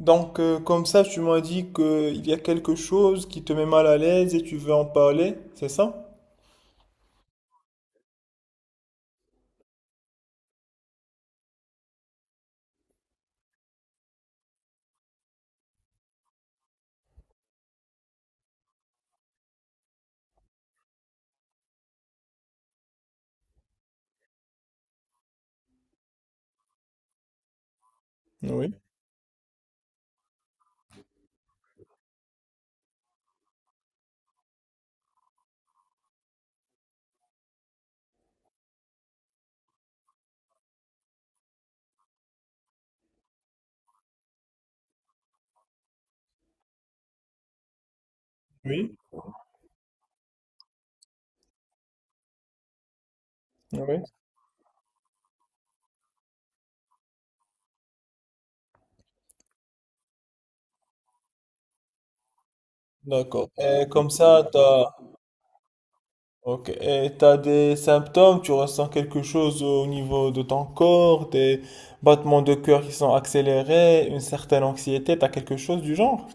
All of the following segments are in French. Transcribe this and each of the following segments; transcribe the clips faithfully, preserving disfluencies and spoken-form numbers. Donc, euh, comme ça, tu m'as dit qu'il y a quelque chose qui te met mal à l'aise et tu veux en parler, c'est ça? Oui, oui. Oui. D'accord. Et comme ça, t'as, ok. Et t'as des symptômes, tu ressens quelque chose au niveau de ton corps, des battements de cœur qui sont accélérés, une certaine anxiété, t'as quelque chose du genre?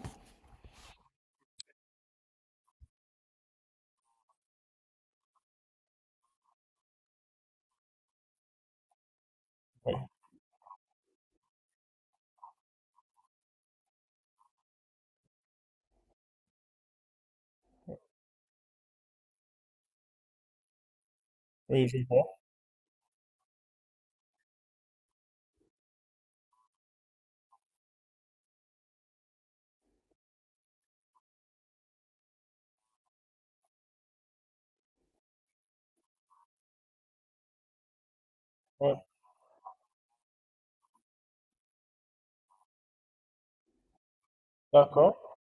Oui, je vois. Ouais, d'accord.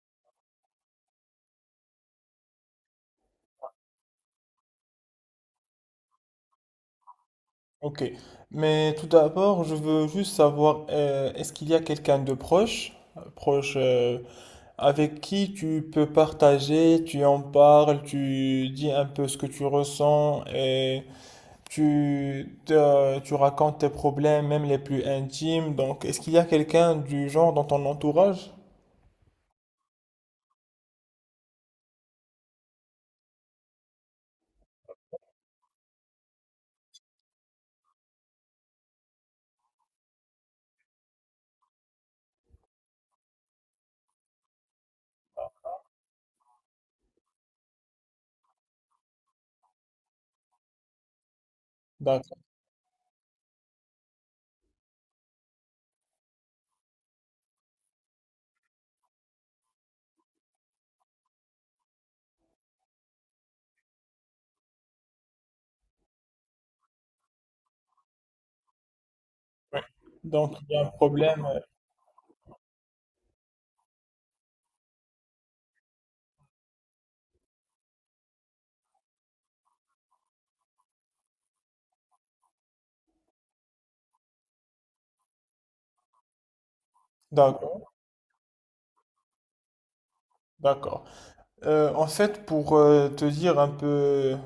Ok. Mais tout d'abord, je veux juste savoir, euh, est-ce qu'il y a quelqu'un de proche, proche, euh, avec qui tu peux partager, tu en parles, tu dis un peu ce que tu ressens et tu, te- tu racontes tes problèmes, même les plus intimes. Donc, est-ce qu'il y a quelqu'un du genre dans ton entourage? D'accord. Donc, il y a un problème. euh, D'accord, d'accord. Euh, en fait, pour euh, te dire un peu,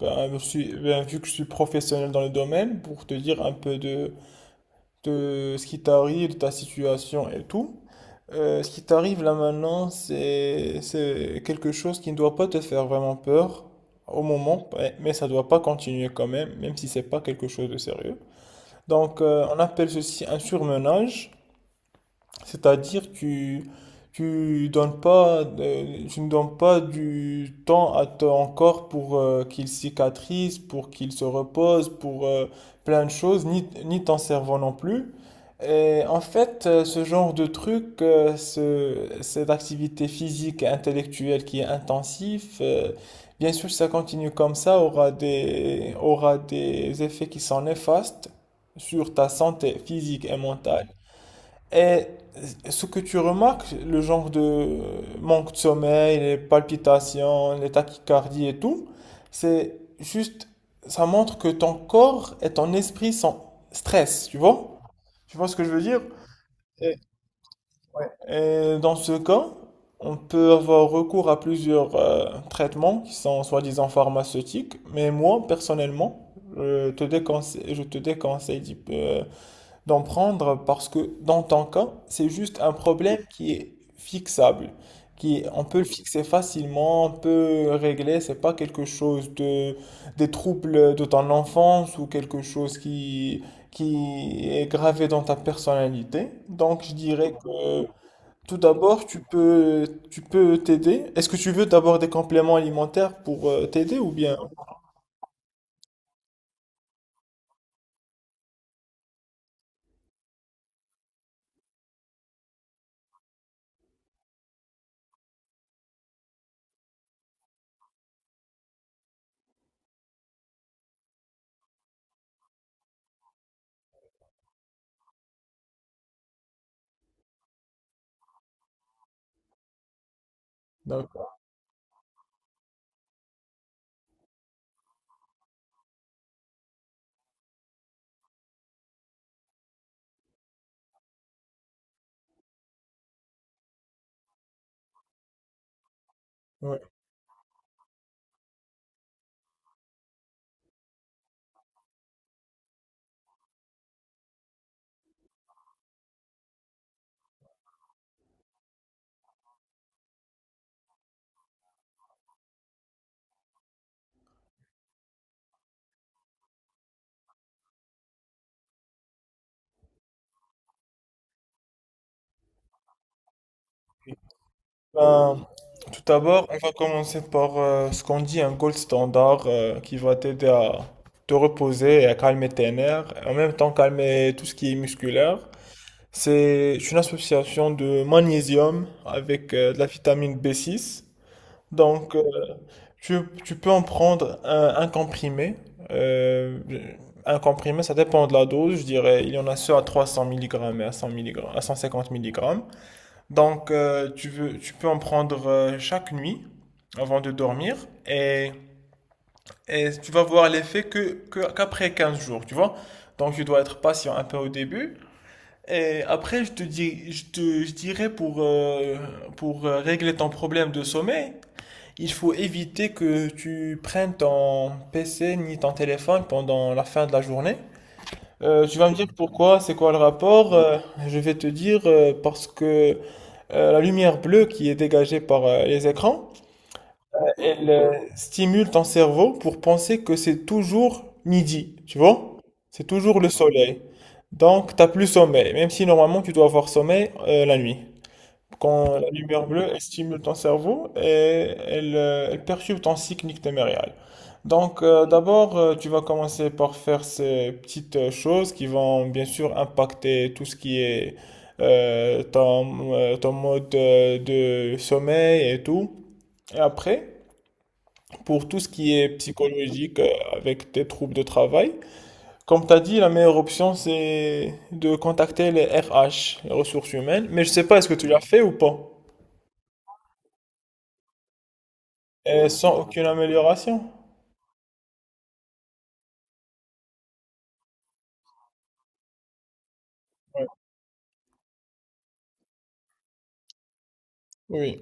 ben, je suis- ben, vu que je suis professionnel dans le domaine, pour te dire un peu de, de ce qui t'arrive, de ta situation et tout. Euh, ce qui t'arrive là maintenant, c'est c'est quelque chose qui ne doit pas te faire vraiment peur au moment, mais mais ça ne doit pas continuer quand même, même si c'est pas quelque chose de sérieux. Donc, euh, on appelle ceci un surmenage. C'est-à-dire que tu donnes pas, euh, tu ne donnes pas du temps à ton corps pour euh, qu'il cicatrise, pour qu'il se repose, pour euh, plein de choses, ni, ni ton cerveau non plus. Et en fait, euh, ce genre de truc, euh, ce- cette activité physique et intellectuelle qui est intensive, euh, bien sûr, si ça continue comme ça, aura des, aura des effets qui sont néfastes sur ta santé physique et mentale. Et ce que tu remarques, le genre de manque de sommeil, les palpitations, les tachycardies et tout, c'est juste, ça montre que ton corps et ton esprit sont stress, tu vois? Tu vois ce que je veux dire? Et dans ce cas, on peut avoir recours à plusieurs euh, traitements qui sont soi-disant pharmaceutiques, mais moi, personnellement, je te déconseille, je te déconseille d'y- euh, d'en prendre parce que dans ton cas, c'est juste un problème qui est fixable, qui est- on peut le fixer facilement, on peut le régler, c'est pas quelque chose de des troubles de ton enfance ou quelque chose qui qui est gravé dans ta personnalité. Donc je dirais que tout d'abord, tu peux tu peux t'aider. Est-ce que tu veux d'abord des compléments alimentaires pour euh, t'aider ou bien? D'accord. Ouais. Ben, tout d'abord, on va commencer par euh, ce qu'on dit un gold standard euh, qui va t'aider à te reposer et à calmer tes nerfs, et en même temps calmer tout ce qui est musculaire. C'est une association de magnésium avec euh, de la vitamine B six. Donc, euh, tu, tu peux en prendre un, un comprimé. Euh, un comprimé, ça dépend de la dose. Je dirais, il y en a ceux à trois cents milligrammes et à cent milligrammes, à cent cinquante milligrammes. Donc, euh, tu veux, tu peux en prendre euh, chaque nuit avant de dormir et, et tu vas voir l'effet que, que- qu'après quinze jours, tu vois. Donc, tu dois être patient un peu au début. Et après, je te dis, je te, je dirais pour, euh, pour euh, régler ton problème de sommeil, il faut éviter que tu prennes ton P C ni ton téléphone pendant la fin de la journée. Euh, tu vas me dire pourquoi, c'est quoi le rapport? Euh, je vais te dire euh, parce que euh, la lumière bleue qui est dégagée par euh, les écrans, elle euh, stimule ton cerveau pour penser que c'est toujours midi, tu vois? C'est toujours le soleil. Donc, t'as plus sommeil, même si normalement tu dois avoir sommeil euh, la nuit. Quand la lumière bleue, elle stimule ton cerveau et elle, euh, elle perturbe ton cycle nictémérial. Donc, euh, d'abord, euh, tu vas commencer par faire ces petites euh, choses qui vont bien sûr impacter tout ce qui est euh, ton, euh, ton mode euh, de sommeil et tout. Et après, pour tout ce qui est psychologique euh, avec tes troubles de travail, comme tu as dit, la meilleure option, c'est de contacter les R H, les ressources humaines. Mais je sais pas, est-ce que tu l'as fait ou pas? Et sans aucune amélioration? Oui, oui,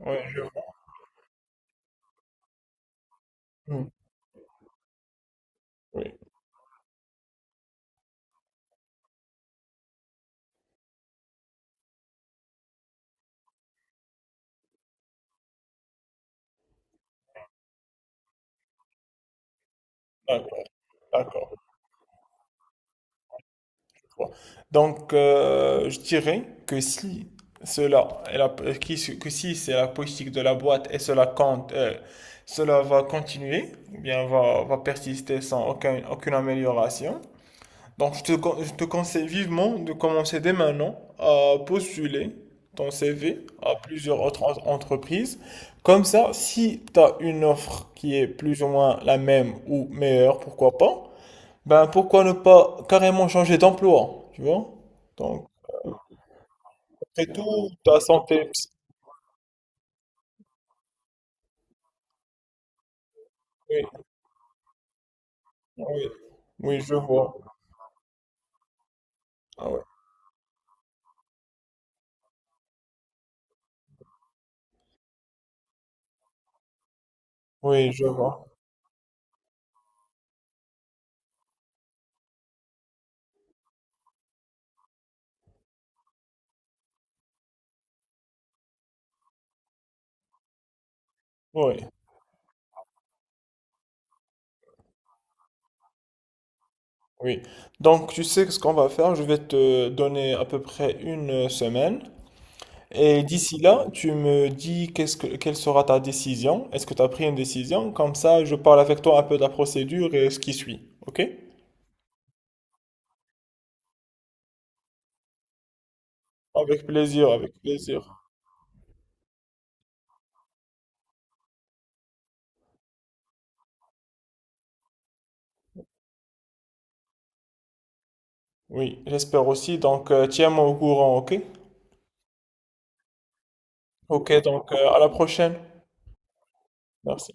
oui, je vois. Mm. Oui, d'accord, d'accord. Je vois. Donc, euh, je dirais que si cela, est la- qui- que si c'est la politique de la boîte et cela compte, euh, cela va continuer, ou bien va, va persister sans aucun- aucune amélioration. Donc, je te, con- je te conseille vivement de commencer dès maintenant à postuler ton C V à plusieurs autres en- entreprises. Comme ça, si tu as une offre qui est plus ou moins la même ou meilleure, pourquoi pas, ben pourquoi ne pas carrément changer d'emploi, tu vois? Donc, après tout, ta santé. Ps- Oui, oui, oui, je vois. Ah ouais. Oui, je vois. Oui, oui. Donc, tu sais ce qu'on va faire. Je vais te donner à peu près une semaine. Et d'ici là, tu me dis qu'est-ce que, quelle sera ta décision? Est-ce que tu as pris une décision? Comme ça, je parle avec toi un peu de la procédure et ce qui suit. OK? Avec plaisir, avec plaisir. Oui, j'espère aussi. Donc, euh, tiens-moi au courant, OK? OK, donc euh, à la prochaine. Merci.